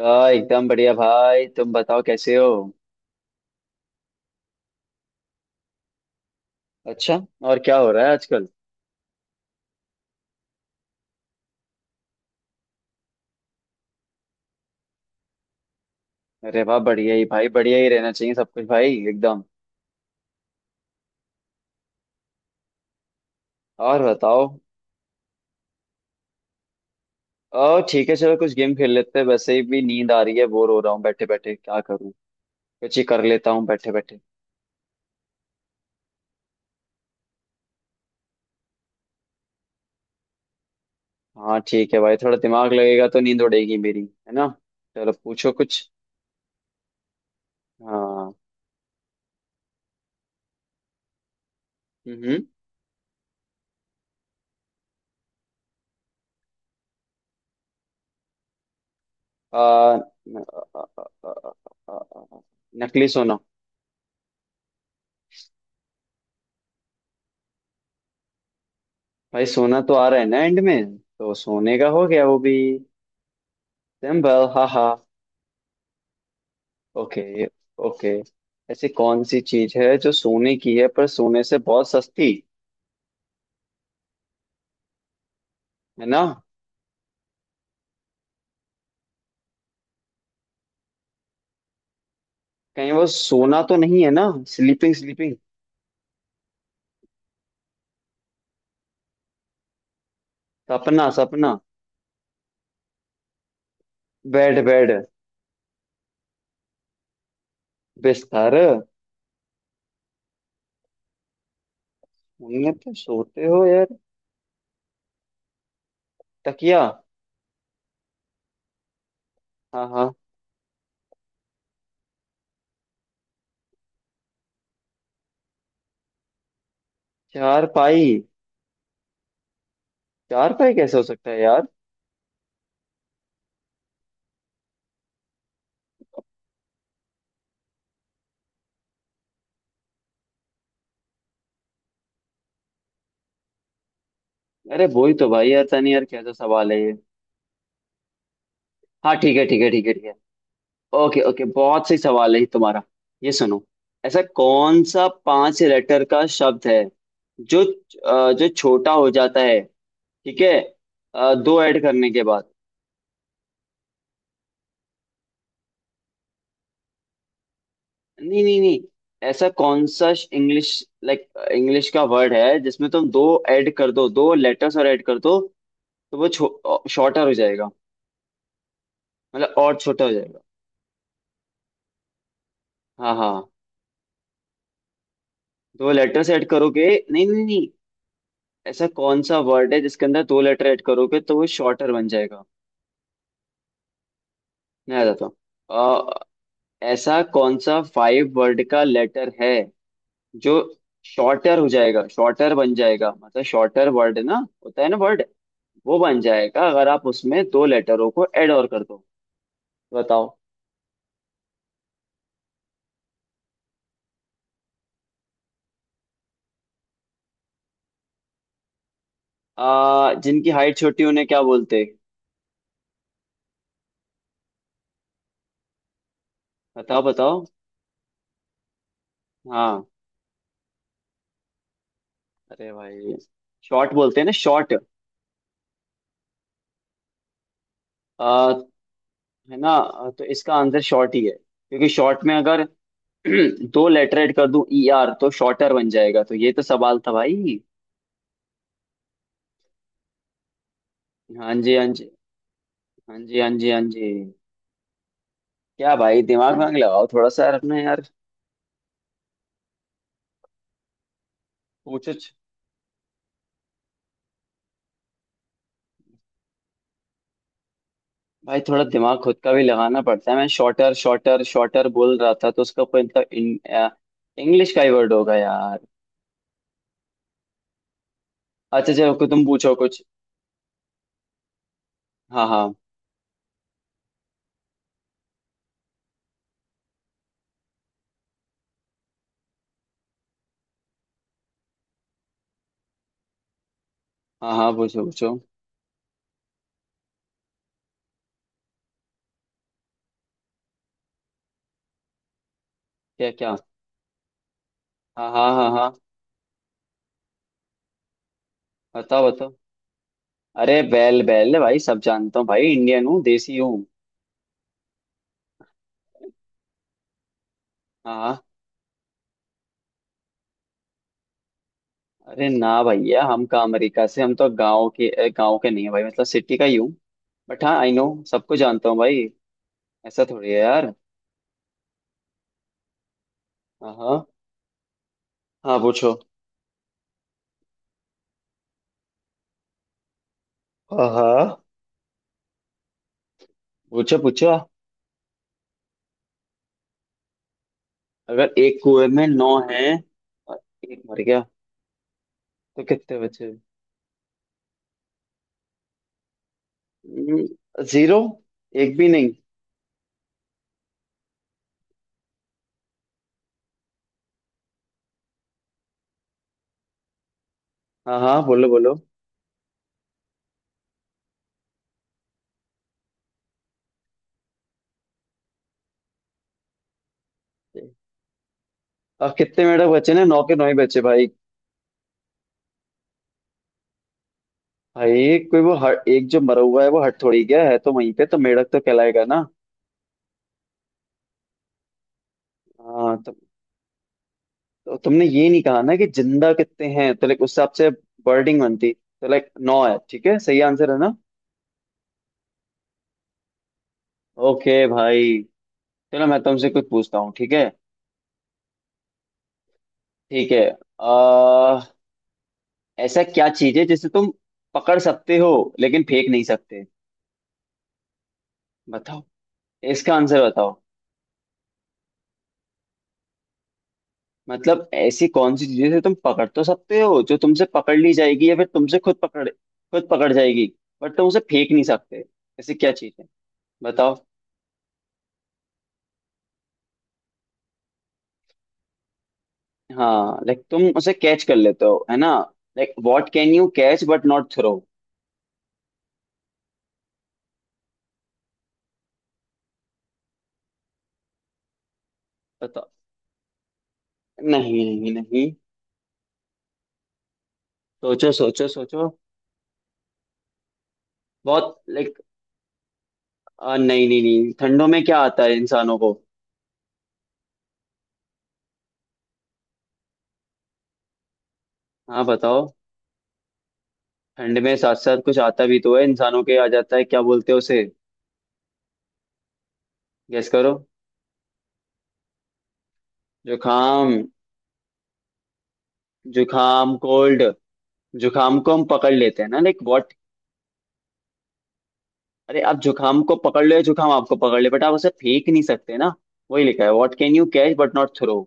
एकदम बढ़िया भाई। तुम बताओ कैसे हो। अच्छा। और क्या हो रहा है आजकल। अरे वाह, बढ़िया ही भाई, बढ़िया ही रहना चाहिए सब कुछ भाई एकदम। और बताओ। ओ ठीक है, चलो कुछ गेम खेल लेते हैं, वैसे ही भी नींद आ रही है, बोर हो रहा हूँ बैठे बैठे, क्या करूँ। कुछ ही कर लेता हूँ बैठे बैठे। हाँ ठीक है भाई, थोड़ा दिमाग लगेगा तो नींद उड़ेगी मेरी, है ना। चलो पूछो कुछ। हाँ। हम्म। आ, न- आ, आ, आ, आ, आ, आ, नकली सोना। भाई, सोना तो आ रहा है ना, एंड में तो सोने का हो गया वो भी। सिंबल। हाँ हाँ। ओके। ओके। ऐसी कौन सी चीज है जो सोने की है पर सोने से बहुत सस्ती? है ना। कहीं वो सोना तो नहीं है ना। Sleeping, sleeping. सपना, सपना। Bed, bed. बिस्तर। उनमें तो सोते हो यार। तकिया। हाँ हाँ। चार पाई। चार पाई कैसे हो सकता है यार। अरे वही तो भाई यार, तनी यार, कैसा सवाल है ये। हाँ, ठीक है ठीक है ठीक है ठीक है। ओके ओके, बहुत सही सवाल है ये तुम्हारा। ये सुनो। ऐसा कौन सा पांच लेटर का शब्द है जो जो छोटा हो जाता है, ठीक है, दो ऐड करने के बाद। नहीं नहीं नहीं। ऐसा कौन सा, इंग्लिश, लाइक, इंग्लिश का वर्ड है जिसमें तुम दो ऐड कर दो, दो लेटर्स और ऐड कर दो, तो वो शॉर्टर हो जाएगा, मतलब और छोटा हो जाएगा। हाँ हाँ। दो लेटर्स ऐड करोगे। नहीं नहीं नहीं। ऐसा कौन सा वर्ड है जिसके अंदर दो लेटर ऐड करोगे तो वो शॉर्टर बन जाएगा। मैं बताता हूँ। ऐसा कौन सा फाइव वर्ड का लेटर है जो शॉर्टर हो जाएगा, शॉर्टर बन जाएगा, मतलब शॉर्टर वर्ड ना, होता है ना वर्ड, वो बन जाएगा अगर आप उसमें दो लेटरों को ऐड और कर दो। बताओ। जिनकी हाइट छोटी उन्हें क्या बोलते हैं? बताओ बताओ। हाँ। अरे भाई, शॉर्ट बोलते हैं ना, शॉर्ट। आ, है ना, तो इसका आंसर शॉर्ट ही है, क्योंकि शॉर्ट में अगर दो लेटर ऐड कर दूं, ई आर, तो शॉर्टर बन जाएगा। तो ये तो सवाल था भाई। हाँ जी, हाँ जी। हाँ जी, हाँ जी, हाँ जी। क्या भाई, दिमाग वाग लगाओ थोड़ा सा यार, अपने यार। पूछ उछ। भाई, थोड़ा दिमाग खुद का भी लगाना पड़ता है, मैं शॉर्टर शॉर्टर शॉर्टर बोल रहा था, तो उसका कोई मतलब, इंग्लिश का ही वर्ड होगा यार। अच्छा चलो, कोई तुम पूछो कुछ। हाँ हाँ। हाँ हाँ, पूछो पूछो। क्या क्या। हाँ हाँ हाँ हाँ। बताओ बताओ। अरे, बैल बैल भाई, सब जानता हूँ भाई, इंडियन हूँ, देसी हूँ। हाँ हाँ। अरे ना भैया, हम का अमेरिका से, हम तो गांव के, गांव के नहीं है भाई, मतलब सिटी का ही हूँ। बट हाँ, आई नो, सबको जानता हूँ भाई। ऐसा थोड़ी है यार। हाँ हाँ। हाँ पूछो। हाँ हाँ। पूछो पूछो। अगर एक कुएं में नौ हैं और एक मर गया तो कितने बचे? जीरो। एक भी नहीं। हाँ हाँ, बोलो बोलो। अब कितने मेंढक बचे ना, नौ के नौ ही बचे भाई। भाई, कोई वो, हट, एक जो मरा हुआ है वो हट थोड़ी गया है, तो वहीं पे तो मेंढक तो कहलाएगा ना। हाँ तो तुमने ये नहीं कहा ना कि जिंदा कितने हैं, तो लाइक उस हिसाब से वर्डिंग बनती, तो लाइक नौ है, ठीक है, सही आंसर है ना। ओके भाई। चलो मैं तुमसे कुछ पूछता हूँ, ठीक है। ठीक है। आ, ऐसा क्या चीज है जिसे तुम पकड़ सकते हो लेकिन फेंक नहीं सकते। बताओ। इसका आंसर बताओ। मतलब, ऐसी कौन सी चीज है जिसे तुम पकड़ तो सकते हो, जो तुमसे पकड़ ली जाएगी, या फिर तुमसे खुद पकड़, खुद पकड़ जाएगी, बट तुम उसे फेंक नहीं सकते। ऐसी क्या चीज है, बताओ। हाँ, लाइक तुम उसे कैच कर लेते हो, है ना। Like, what can you catch but not throw. बताओ। नहीं नहीं नहीं। सोचो सोचो सोचो। बहुत लाइक। नहीं नहीं नहीं, ठंडों में क्या आता है इंसानों को। हाँ बताओ। ठंड में साथ साथ कुछ आता भी तो है, इंसानों के आ जाता है, क्या बोलते हैं उसे, गेस करो। जुखाम। जुखाम, कोल्ड। जुखाम को हम पकड़ लेते हैं ना, लाइक व्हाट। अरे, आप जुखाम को पकड़ लो या जुखाम आपको पकड़ ले, बट आप उसे फेंक नहीं सकते ना। वही लिखा है, what can you catch but not throw.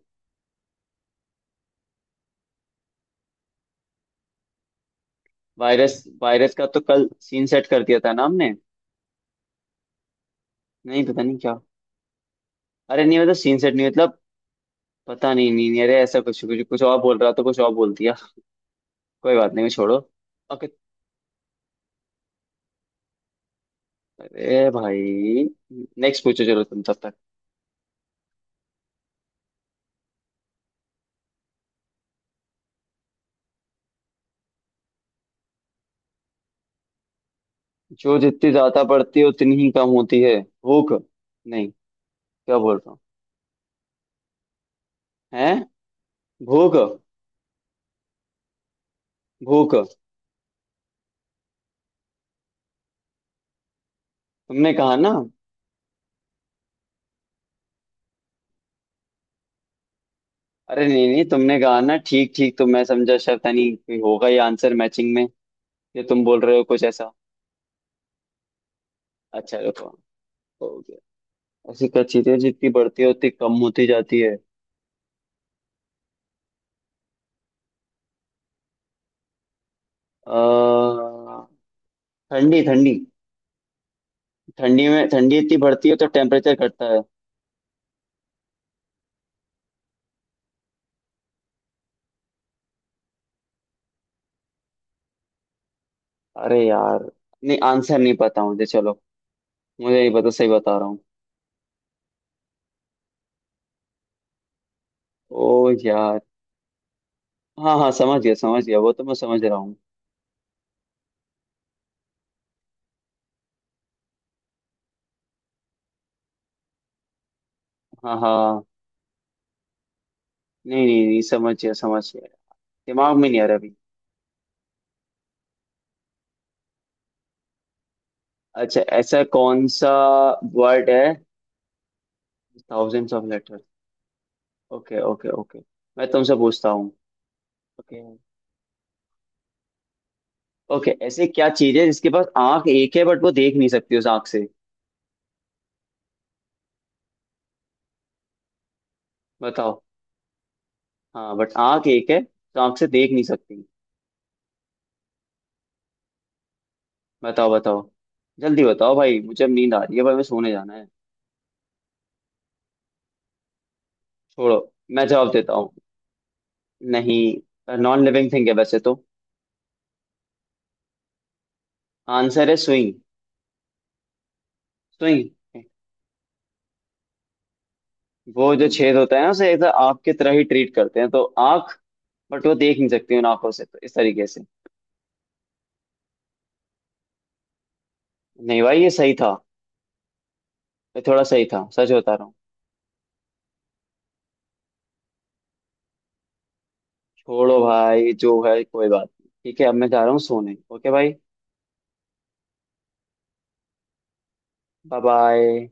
Virus, virus का तो कल सीन सेट कर दिया था ना हमने। नहीं पता, नहीं क्या। अरे नहीं, मतलब सीन सेट नहीं, मतलब पता नहीं। नहीं नहीं, अरे ऐसा कुछ, कुछ और बोल रहा, तो कुछ और बोल दिया। कोई बात नहीं, मैं, छोड़ो। ओके। अरे भाई, नेक्स्ट पूछो चलो तुम तब तक। जो जितनी ज्यादा बढ़ती है उतनी ही कम होती है। भूख। नहीं, क्या बोल रहा हूँ, है, भूख, भूख। तुमने कहा ना। अरे नहीं नहीं, तुमने कहा ना ठीक ठीक, तो मैं समझा शायद, नहीं कोई होगा ये आंसर मैचिंग में, ये तुम बोल रहे हो कुछ ऐसा। अच्छा रुको। ऐसी क्या चीज़ है जितनी बढ़ती है उतनी कम होती जाती है? अह, ठंडी, ठंडी। ठंडी में ठंडी इतनी बढ़ती है तो टेम्परेचर घटता है। अरे यार, नहीं आंसर नहीं पता मुझे, चलो मुझे नहीं पता, सही बता रहा हूँ। ओ यार, हाँ हाँ, समझ गया समझ गया, वो तो मैं समझ रहा हूँ। हाँ हाँ, नहीं नहीं नहीं, समझ गया समझ गया। दिमाग में नहीं आ रहा अभी। अच्छा, ऐसा कौन सा वर्ड है, thousands of letter. Okay okay okay, मैं तुमसे पूछता हूँ। ओके। ओके, ऐसे क्या चीज है जिसके पास आंख एक है बट वो देख नहीं सकती उस आंख से। बताओ। हाँ, बट आंख एक है तो आंख से देख नहीं सकती। बताओ बताओ, जल्दी बताओ भाई, मुझे अब नींद आ रही है भाई, मैं सोने जाना है। छोड़ो, मैं जवाब देता हूँ। नहीं, नॉन लिविंग थिंग है वैसे तो। आंसर है सुई। सुई। वो जो छेद होता है ना उसे एक आंख की तरह ही ट्रीट करते हैं, तो आंख, बट वो देख नहीं सकती उन आंखों से, तो इस तरीके से। नहीं भाई, ये सही था, ये थोड़ा सही था, सच बता रहा हूँ। छोड़ो भाई, जो है कोई बात नहीं, ठीक है, अब मैं जा रहा हूँ सोने, ओके भाई। Bye bye.